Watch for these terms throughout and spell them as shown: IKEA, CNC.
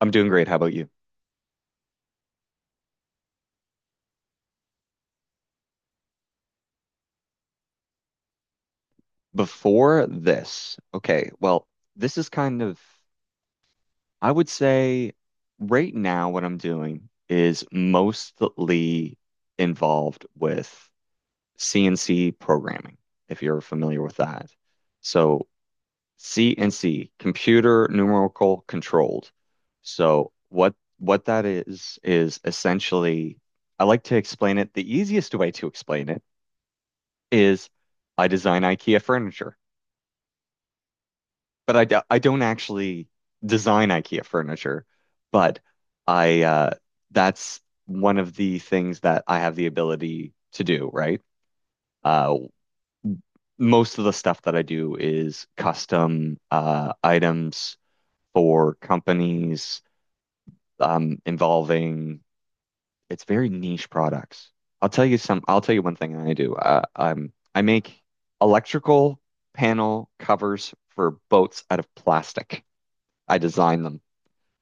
I'm doing great. How about you? Before this, okay, well, this is kind of, I would say right now what I'm doing is mostly involved with CNC programming, if you're familiar with that. So CNC, computer numerical controlled. So what that is essentially, I like to explain it. The easiest way to explain it is I design IKEA furniture. But I don't actually design IKEA furniture, but I that's one of the things that I have the ability to do, right? Uh, Most of the stuff that I do is custom items for companies. Involving It's very niche products. I'll tell you some. I'll tell you one thing I do. I make electrical panel covers for boats out of plastic. I design them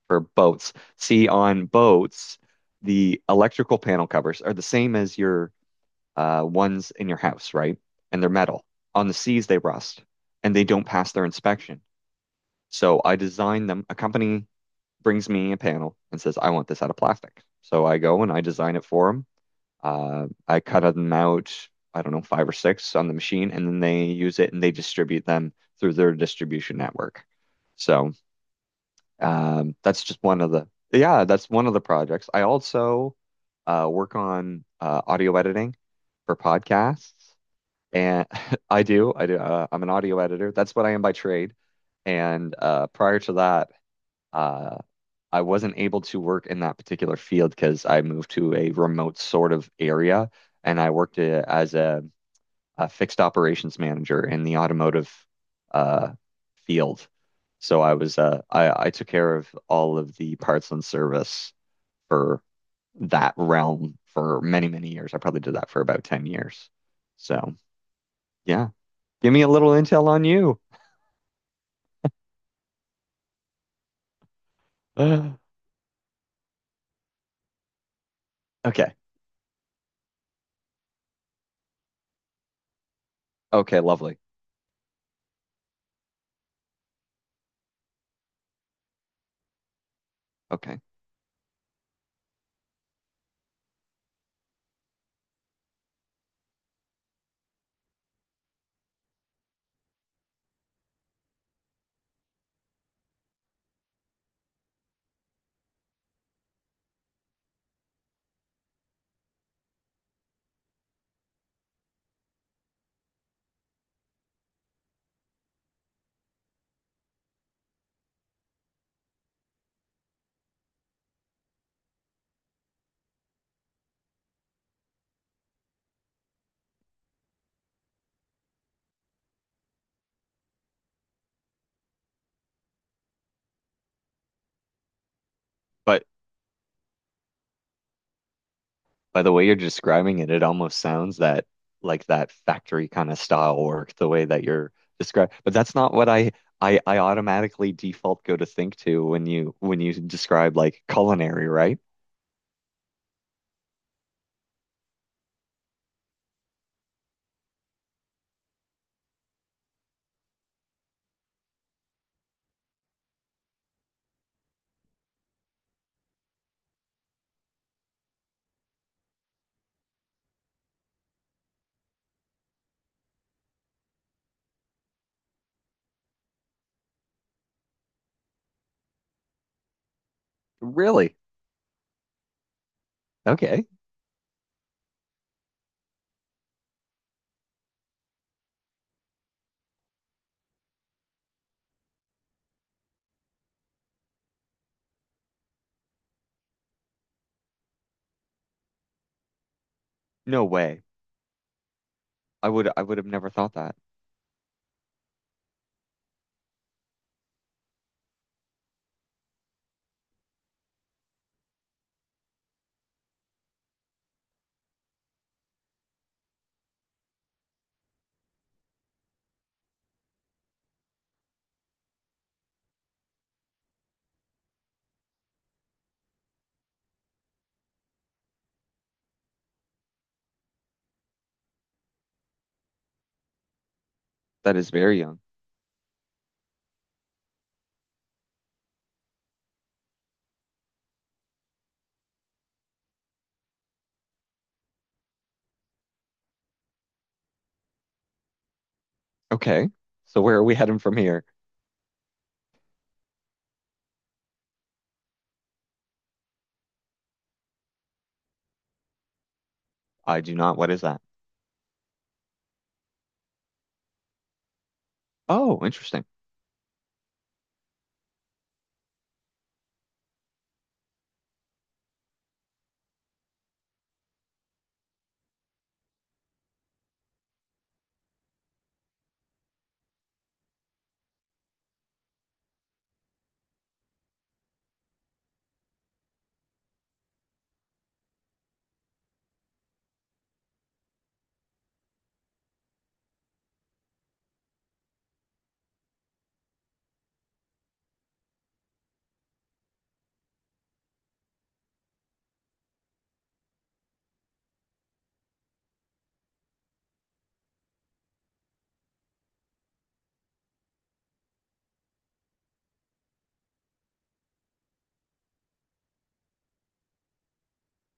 for boats. See, on boats, the electrical panel covers are the same as your ones in your house, right? And they're metal. On the seas, they rust and they don't pass their inspection. So I design them. A company brings me a panel and says, "I want this out of plastic." So I go and I design it for them. I cut them out, I don't know, five or six on the machine, and then they use it and they distribute them through their distribution network. So that's just one of the yeah, that's one of the projects. I also work on audio editing for podcasts, and I do. I'm an audio editor. That's what I am by trade. And prior to that, uh, I wasn't able to work in that particular field because I moved to a remote sort of area, and I worked as a fixed operations manager in the automotive uh, field. So I was I took care of all of the parts and service for that realm for many, many years. I probably did that for about 10 years. So yeah, give me a little intel on you. Okay. Okay, lovely. Okay. But By the way you're describing it, it almost sounds that like that factory kind of style work, the way that you're describing. But that's not what I automatically default go to think to when you describe like culinary, right? Really? Okay. No way. I would have never thought that. That is very young. Okay. So where are we heading from here? I do not. What is that? Oh, interesting.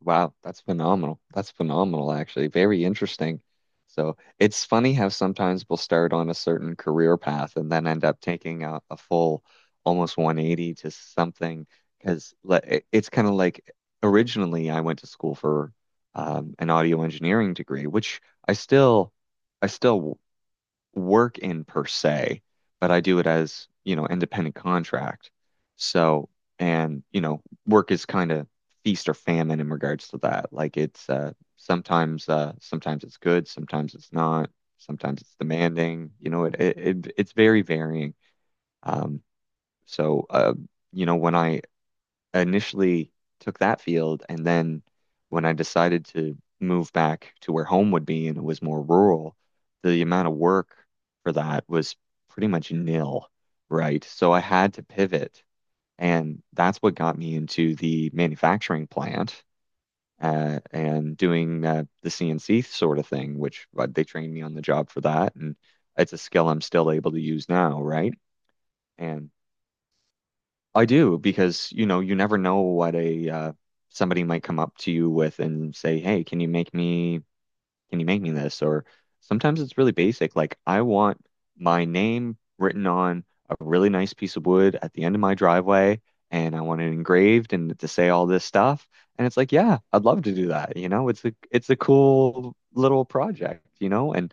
Wow, that's phenomenal. That's phenomenal, actually. Very interesting. So it's funny how sometimes we'll start on a certain career path and then end up taking a full almost 180 to something, because it's kind of like originally I went to school for an audio engineering degree, which I still I still work in per se, but I do it as, independent contract. So, and work is kind of feast or famine in regards to that. Like it's sometimes sometimes it's good, sometimes it's not, sometimes it's demanding. You know, it's very varying. Um so when I initially took that field, and then when I decided to move back to where home would be and it was more rural, the amount of work for that was pretty much nil, right? So I had to pivot, and that's what got me into the manufacturing plant. And doing the CNC sort of thing, which they trained me on the job for that, and it's a skill I'm still able to use now, right? And I do, because you never know what a somebody might come up to you with and say, "Hey, can you make me this?" Or sometimes it's really basic, like I want my name written on a really nice piece of wood at the end of my driveway, and I want it engraved and to say all this stuff. And it's like, yeah, I'd love to do that. It's a cool little project. And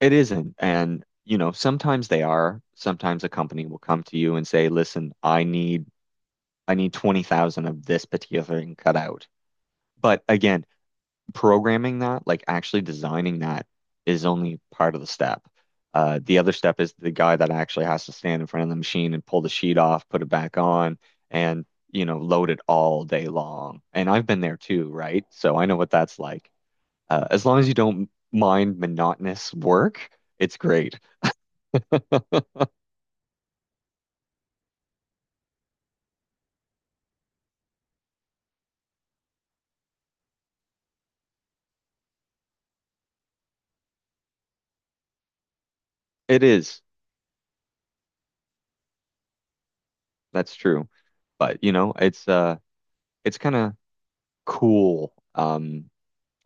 it isn't. Sometimes they are. Sometimes a company will come to you and say, "Listen, I need." I need 20,000 of this particular thing cut out. But again, programming that, like actually designing that, is only part of the step. The other step is the guy that actually has to stand in front of the machine and pull the sheet off, put it back on, and load it all day long. And I've been there too, right? So I know what that's like. As long as you don't mind monotonous work, it's great. It is. That's true. But it's kind of cool.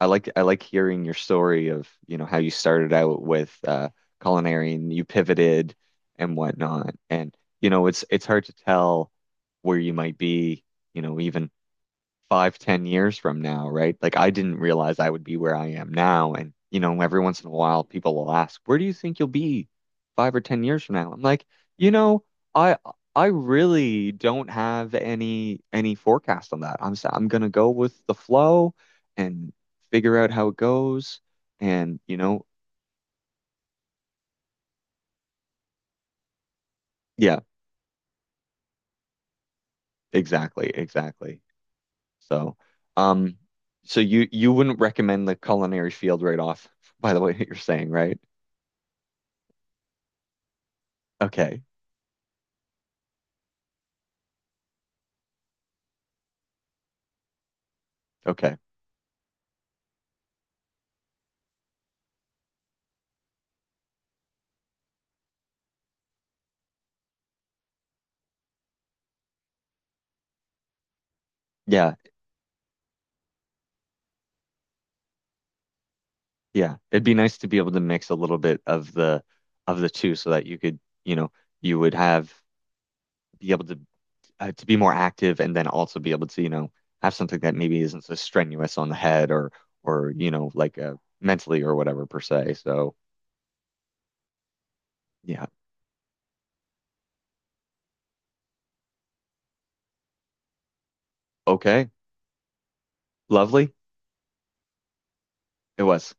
I like hearing your story of how you started out with culinary and you pivoted and whatnot. And it's hard to tell where you might be, even 5, 10 years from now, right? Like I didn't realize I would be where I am now. Every once in a while people will ask, where do you think you'll be 5 or 10 years from now? I'm like, you know, I I really don't have any forecast on that. I'm gonna go with the flow and figure out how it goes. And, you know, yeah, exactly, exactly. So, um, so you wouldn't recommend the culinary field right off, by the way, you're saying, right? Okay. Okay. Yeah, yeah. It'd be nice to be able to mix a little bit of the two, so that you could, you know, you would have be able to be more active, and then also be able to have something that maybe isn't so strenuous on the head or, like mentally or whatever per se. So, yeah. Okay. Lovely. It was.